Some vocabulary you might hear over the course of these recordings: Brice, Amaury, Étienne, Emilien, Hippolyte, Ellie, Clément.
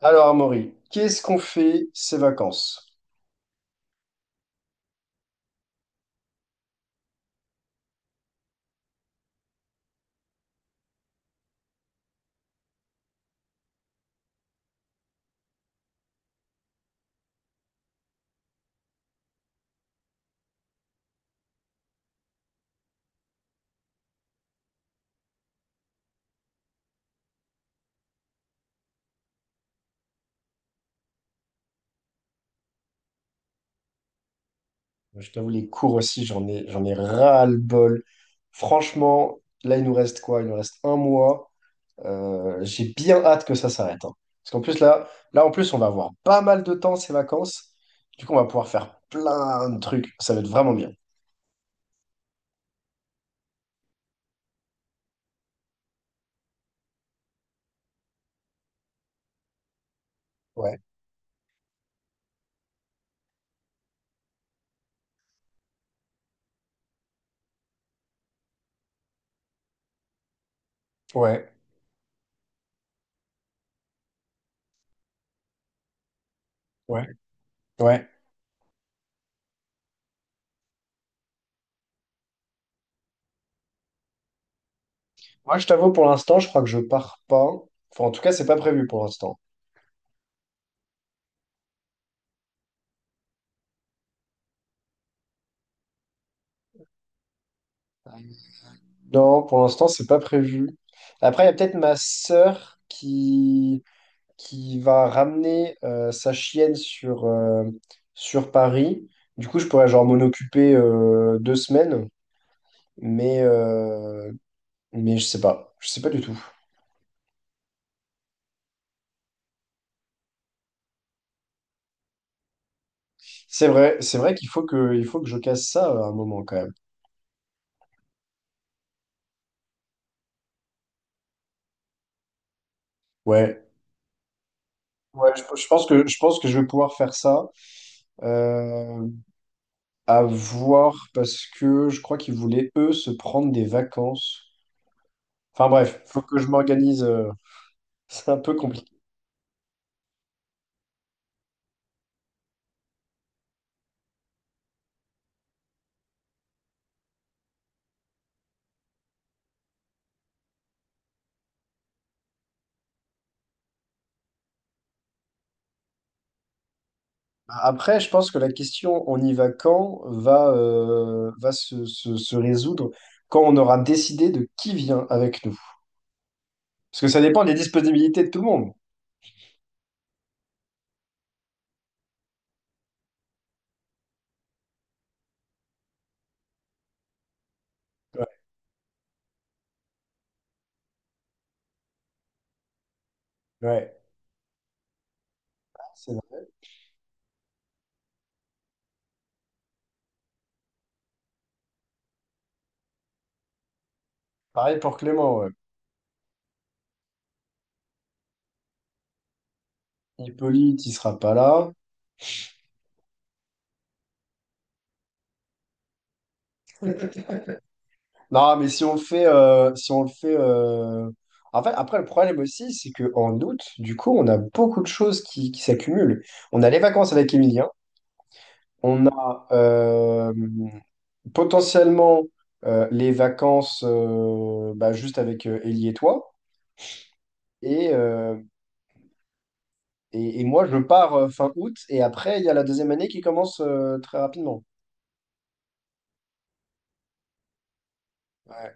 Alors, Amaury, qu'est-ce qu'on fait ces vacances? Je t'avoue, les cours aussi, j'en ai ras-le-bol. Franchement, là, il nous reste quoi? Il nous reste un mois. J'ai bien hâte que ça s'arrête, hein. Parce qu'en plus, là, en plus, on va avoir pas mal de temps ces vacances. Du coup, on va pouvoir faire plein de trucs. Ça va être vraiment bien. Ouais, ouais, ouais, ouais. Moi, je t'avoue, pour l'instant, je crois que je pars pas. Enfin, en tout cas, c'est pas prévu pour l'instant. Non, pour l'instant, c'est pas prévu. Après, il y a peut-être ma sœur qui va ramener sa chienne sur, sur Paris. Du coup, je pourrais genre m'en occuper deux semaines, mais, euh, mais je sais pas. Je sais pas du tout. C'est vrai qu'il faut que je casse ça à un moment quand même. Ouais. Ouais, je pense que je vais pouvoir faire ça. Euh, à voir parce que je crois qu'ils voulaient, eux, se prendre des vacances. Enfin bref, faut que je m'organise, c'est un peu compliqué. Après, je pense que la question on y va quand se résoudre quand on aura décidé de qui vient avec nous. Parce que ça dépend des disponibilités de tout le monde. Ouais, ouais, c'est vrai. Pareil pour Clément, ouais. Hippolyte, il sera pas là. Non, mais si on le fait, En fait, après, le problème aussi, c'est qu'en août, du coup, on a beaucoup de choses qui s'accumulent. On a les vacances avec Emilien. On a. Potentiellement les vacances bah, juste avec Ellie et toi. Et, euh, et moi, je pars fin août. Et après, il y a la deuxième année qui commence très rapidement. Ouais.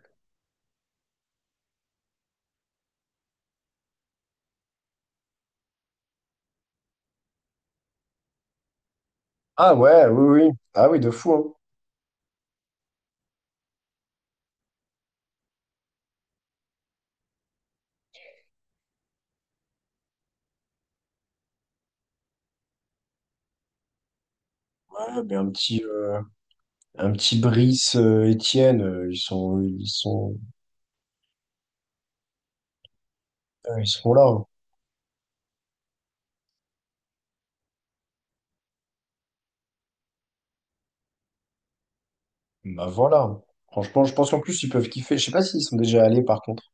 Ah ouais, oui, oui. Ah oui, de fou, hein. Ouais, mais un petit Brice, Étienne, ils sont là, hein. Bah voilà. Franchement, je pense qu'en plus, ils peuvent kiffer. Je sais pas s'ils sont déjà allés, par contre.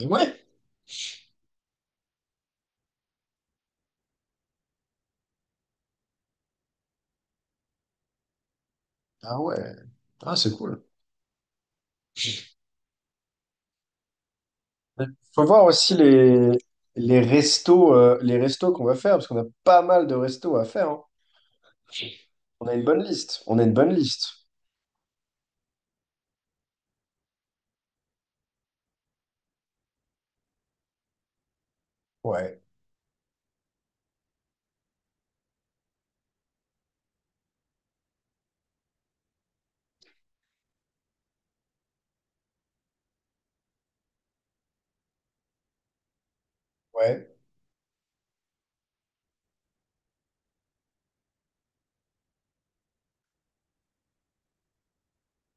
Ah ouais. Ah ouais. Ah, c'est cool. Il faut voir aussi les restos qu'on va faire, parce qu'on a pas mal de restos à faire, hein. On a une bonne liste. On a une bonne liste. Ouais, ouais.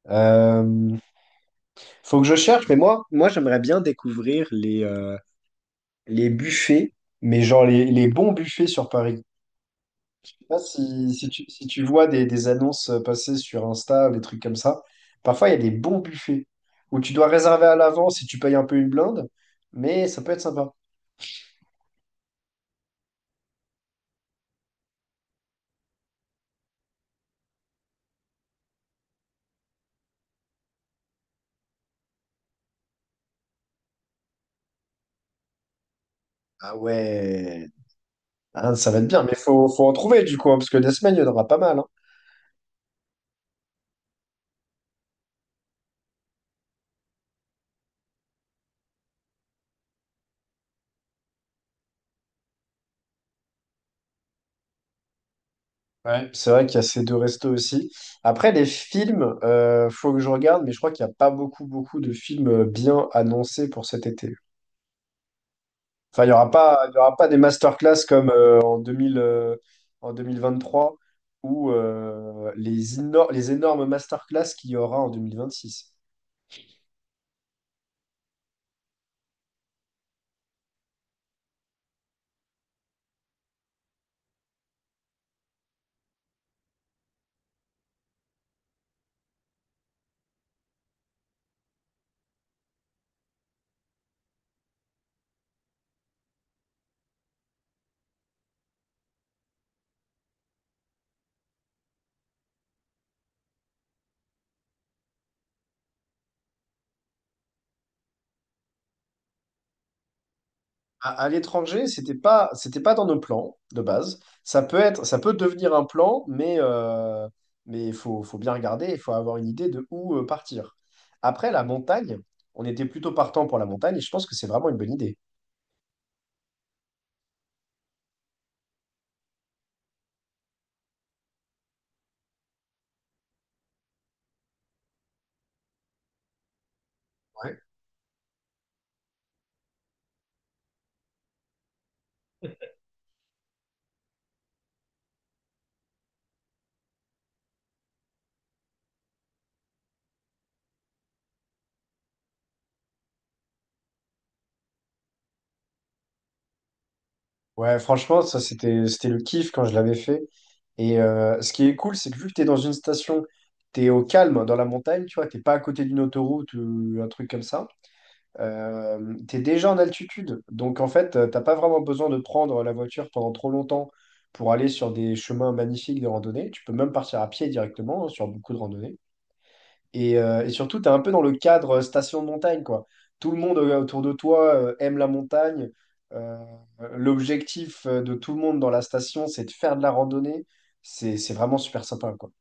Euh, Faut que je cherche, mais moi j'aimerais bien découvrir les buffets, mais genre les bons buffets sur Paris. Je sais pas si tu vois des annonces passer sur Insta, des trucs comme ça. Parfois, il y a des bons buffets où tu dois réserver à l'avance si tu payes un peu une blinde, mais ça peut être sympa. Ah ouais, ah, ça va être bien, mais faut en trouver du coup, hein, parce que des semaines, il y en aura pas mal, hein. Ouais. C'est vrai qu'il y a ces deux restos aussi. Après, les films, faut que je regarde, mais je crois qu'il n'y a pas beaucoup de films bien annoncés pour cet été. Enfin, il y aura pas des masterclass comme en 2000, en 2023 ou les énormes masterclass qu'il y aura en 2026. À l'étranger, c'était pas dans nos plans de base. Ça peut être, ça peut devenir un plan, mais faut bien regarder, il faut avoir une idée de où partir. Après, la montagne, on était plutôt partant pour la montagne et je pense que c'est vraiment une bonne idée. Ouais, ouais, franchement, ça c'était le kiff quand je l'avais fait. Et ce qui est cool, c'est que vu que t'es dans une station, t'es au calme dans la montagne, tu vois, t'es pas à côté d'une autoroute ou un truc comme ça. Tu déjà en altitude. Donc en fait, t'as pas vraiment besoin de prendre la voiture pendant trop longtemps pour aller sur des chemins magnifiques de randonnée. Tu peux même partir à pied directement hein, sur beaucoup de randonnées. Et surtout, tu es un peu dans le cadre station de montagne, quoi. Tout le monde autour de toi aime la montagne. Euh, L'objectif de tout le monde dans la station, c'est de faire de la randonnée. C'est vraiment super sympa, quoi.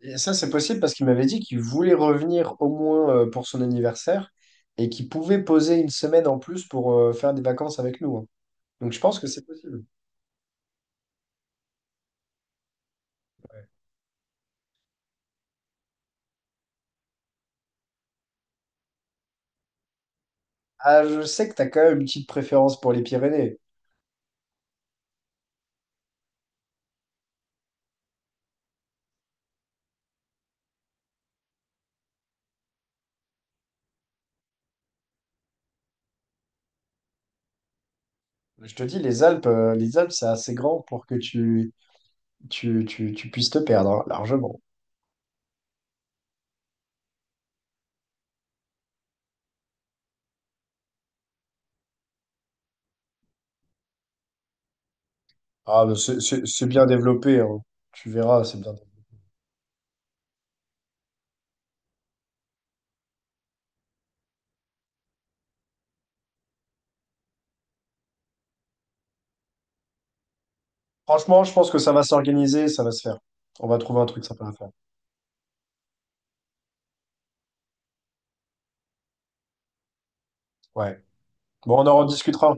Et ça, c'est possible parce qu'il m'avait dit qu'il voulait revenir au moins pour son anniversaire et qu'il pouvait poser une semaine en plus pour faire des vacances avec nous, hein. Donc, je pense que c'est possible. Ah, je sais que tu as quand même une petite préférence pour les Pyrénées. Je te dis, les Alpes, c'est assez grand pour que tu puisses te perdre, hein, largement. Ah, mais c'est bien développé, hein. Tu verras, c'est bien. Franchement, je pense que ça va s'organiser, ça va se faire. On va trouver un truc sympa à faire. Ouais. Bon, on en rediscutera.